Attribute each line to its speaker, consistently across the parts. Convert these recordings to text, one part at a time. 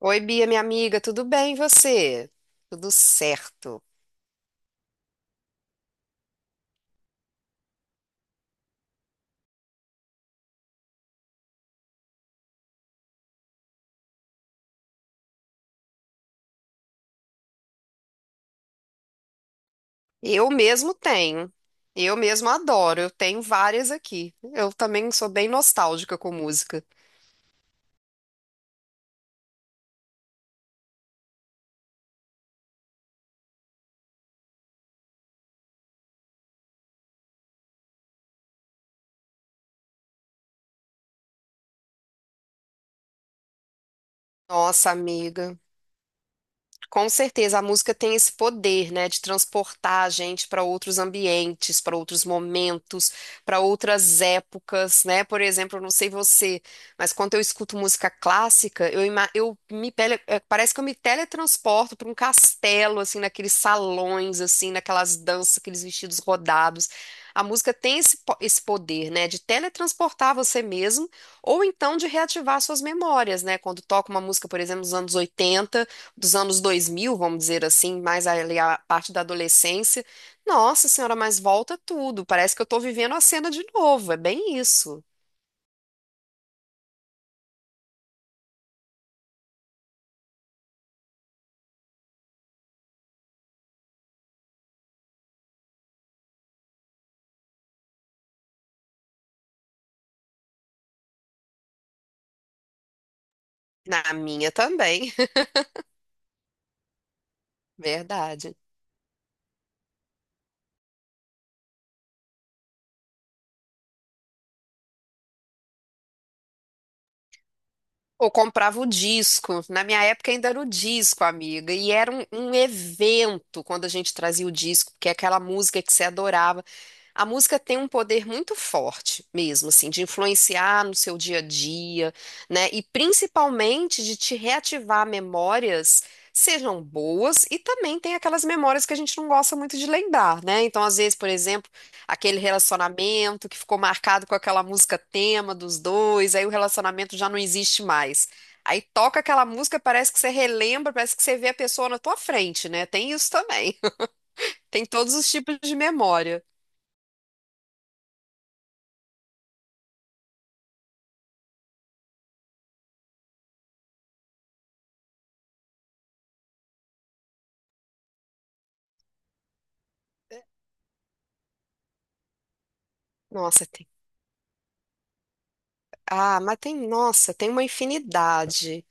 Speaker 1: Oi, Bia, minha amiga, tudo bem e você? Tudo certo. Eu mesmo tenho. Eu mesmo adoro. Eu tenho várias aqui. Eu também sou bem nostálgica com música. Nossa, amiga. Com certeza, a música tem esse poder, né, de transportar a gente para outros ambientes, para outros momentos, para outras épocas, né? Por exemplo, eu não sei você, mas quando eu escuto música clássica, eu, ima- eu me tele, eh, parece que eu me teletransporto para um castelo, assim, naqueles salões, assim, naquelas danças, aqueles vestidos rodados. A música tem esse poder, né, de teletransportar você mesmo, ou então de reativar suas memórias, né? Quando toca uma música, por exemplo, dos anos 80, dos anos 2000, vamos dizer assim, mais ali a parte da adolescência. Nossa senhora, mas volta tudo. Parece que eu tô vivendo a cena de novo. É bem isso. Na minha também. Verdade. Ou comprava o disco. Na minha época ainda era o disco, amiga. E era um evento quando a gente trazia o disco, porque é aquela música que você adorava. A música tem um poder muito forte mesmo, assim, de influenciar no seu dia a dia, né? E principalmente de te reativar memórias, sejam boas, e também tem aquelas memórias que a gente não gosta muito de lembrar, né? Então, às vezes, por exemplo, aquele relacionamento que ficou marcado com aquela música tema dos dois, aí o relacionamento já não existe mais. Aí toca aquela música, parece que você relembra, parece que você vê a pessoa na tua frente, né? Tem isso também. Tem todos os tipos de memória. Nossa, tem. Ah, mas tem, nossa, tem uma infinidade.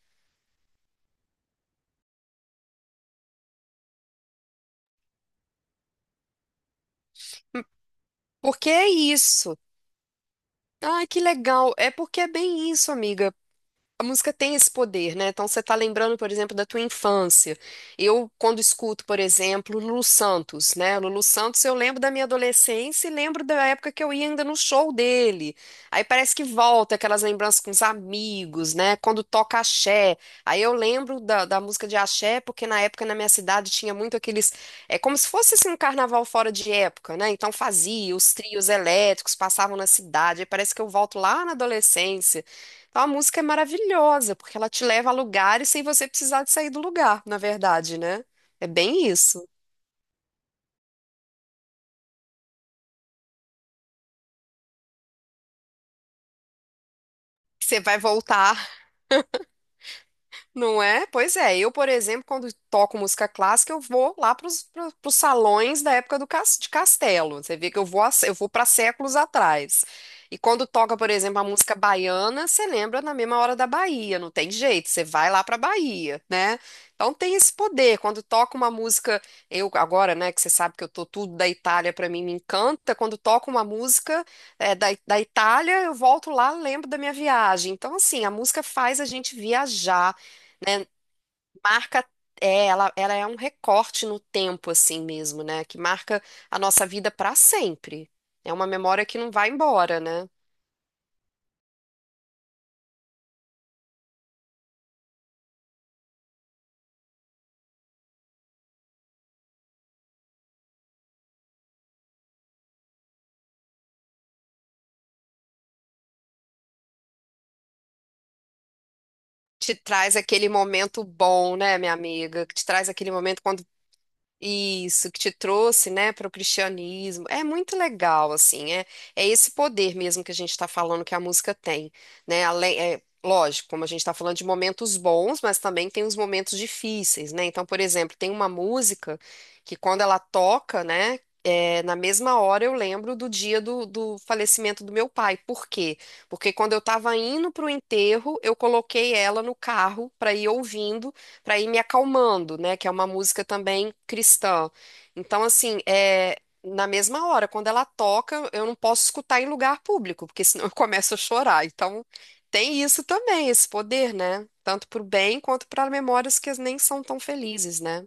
Speaker 1: Porque é isso. Ai, que legal. É porque é bem isso, amiga. A música tem esse poder, né? Então você tá lembrando, por exemplo, da tua infância. Eu, quando escuto, por exemplo, Lulu Santos, né? Lulu Santos, eu lembro da minha adolescência e lembro da época que eu ia ainda no show dele. Aí parece que volta aquelas lembranças com os amigos, né? Quando toca axé. Aí eu lembro da música de axé, porque na época na minha cidade tinha muito aqueles. É como se fosse assim, um carnaval fora de época, né? Então fazia, os trios elétricos passavam na cidade. Aí parece que eu volto lá na adolescência. Então, a música é maravilhosa, porque ela te leva a lugares sem você precisar de sair do lugar, na verdade, né? É bem isso. Você vai voltar. Não é? Pois é. Eu, por exemplo, quando toco música clássica, eu vou lá para os salões da época do cas- de Castelo. Você vê que eu vou, a eu vou para séculos atrás. E quando toca, por exemplo, a música baiana, você lembra na mesma hora da Bahia. Não tem jeito, você vai lá para Bahia, né? Então tem esse poder. Quando toca uma música, eu agora, né, que você sabe que eu tô tudo da Itália, para mim me encanta. Quando toca uma música da Itália, eu volto lá, lembro da minha viagem. Então, assim, a música faz a gente viajar, né, marca, é, ela é um recorte no tempo, assim mesmo, né? Que marca a nossa vida para sempre. É uma memória que não vai embora, né? Te traz aquele momento bom, né, minha amiga? Que te traz aquele momento quando... Isso, que te trouxe, né, para o cristianismo. É muito legal, assim, é, é esse poder mesmo que a gente está falando que a música tem, né? Além, é, lógico, como a gente está falando de momentos bons, mas também tem os momentos difíceis, né? Então, por exemplo, tem uma música que quando ela toca, né, é, na mesma hora eu lembro do do falecimento do meu pai. Por quê? Porque quando eu estava indo para o enterro, eu coloquei ela no carro para ir ouvindo, para ir me acalmando, né? Que é uma música também cristã. Então, assim, é na mesma hora, quando ela toca, eu não posso escutar em lugar público, porque senão eu começo a chorar. Então, tem isso também, esse poder, né? Tanto para o bem quanto para memórias que nem são tão felizes, né?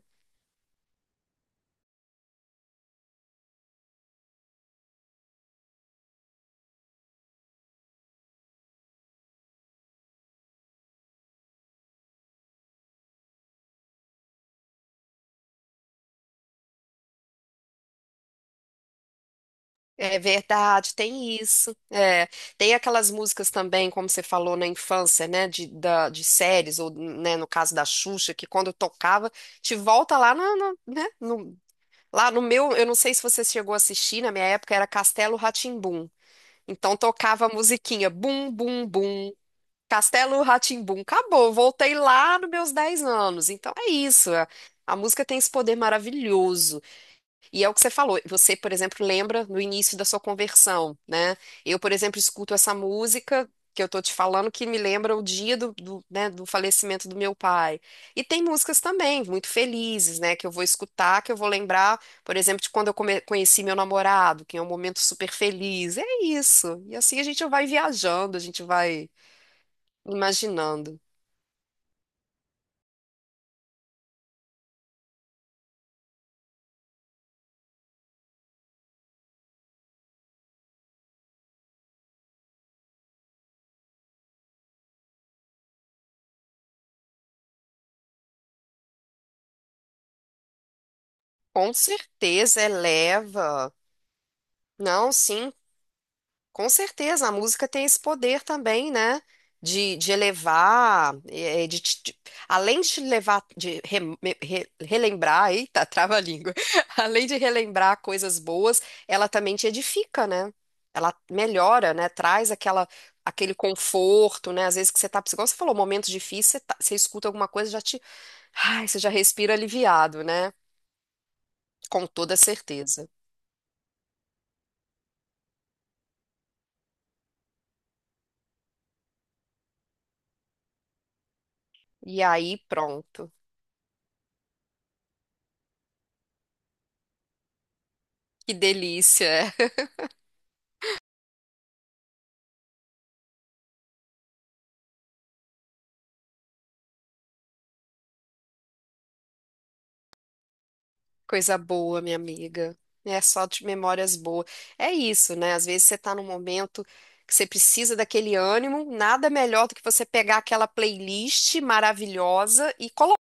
Speaker 1: É verdade, tem isso. É, tem aquelas músicas também, como você falou na infância, né, de séries, ou né, no caso da Xuxa, que quando tocava, te volta lá na, lá no meu, eu não sei se você chegou a assistir, na minha época era Castelo Rá. Então tocava a musiquinha bum, bum, bum. Castelo Rá. Acabou, voltei lá nos meus 10 anos. Então é isso. A a música tem esse poder maravilhoso. E é o que você falou. Você, por exemplo, lembra no início da sua conversão, né? Eu, por exemplo, escuto essa música que eu tô te falando que me lembra o dia né, do falecimento do meu pai. E tem músicas também muito felizes, né? Que eu vou escutar, que eu vou lembrar, por exemplo, de quando eu conheci meu namorado, que é um momento super feliz. É isso. E assim a gente vai viajando, a gente vai imaginando. Com certeza eleva. Não, sim. Com certeza, a música tem esse poder também, né? De elevar, eh, eh, de, te- de- Além de te levar, de relembrar, eita, trava-língua. Além de relembrar coisas boas, ela também te edifica, né? Ela melhora, né? Traz aquele conforto, né? Às vezes que você tá, igual você falou, momentos difíceis, você escuta alguma coisa, já te, ai, você já respira aliviado, né? Com toda certeza. E aí, pronto. Que delícia. Coisa boa, minha amiga. É só de memórias boas. É isso, né? Às vezes você tá num momento que você precisa daquele ânimo, nada melhor do que você pegar aquela playlist maravilhosa e colocar.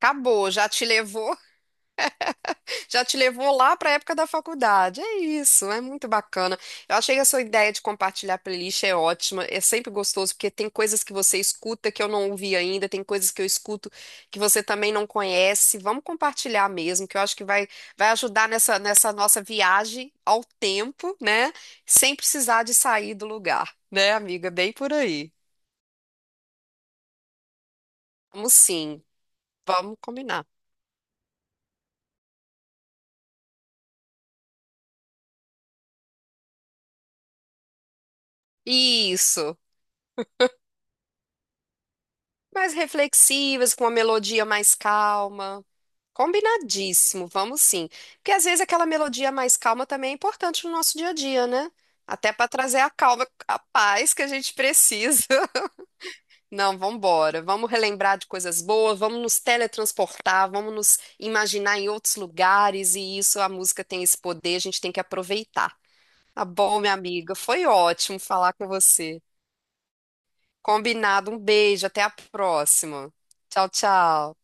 Speaker 1: Acabou, já te levou. Já te levou lá para a época da faculdade. É isso, é muito bacana. Eu achei que a sua ideia de compartilhar playlist é ótima. É sempre gostoso, porque tem coisas que você escuta que eu não ouvi ainda, tem coisas que eu escuto que você também não conhece. Vamos compartilhar mesmo, que eu acho vai ajudar nessa nossa viagem ao tempo, né? Sem precisar de sair do lugar, né, amiga? Bem por aí. Vamos sim, vamos combinar. Isso. Mais reflexivas, com uma melodia mais calma. Combinadíssimo, vamos sim. Porque às vezes aquela melodia mais calma também é importante no nosso dia a dia, né? Até para trazer a calma, a paz que a gente precisa. Não, vamos embora. Vamos relembrar de coisas boas, vamos nos teletransportar, vamos nos imaginar em outros lugares e isso, a música tem esse poder, a gente tem que aproveitar. Tá bom, minha amiga, foi ótimo falar com você. Combinado, um beijo, até a próxima. Tchau, tchau.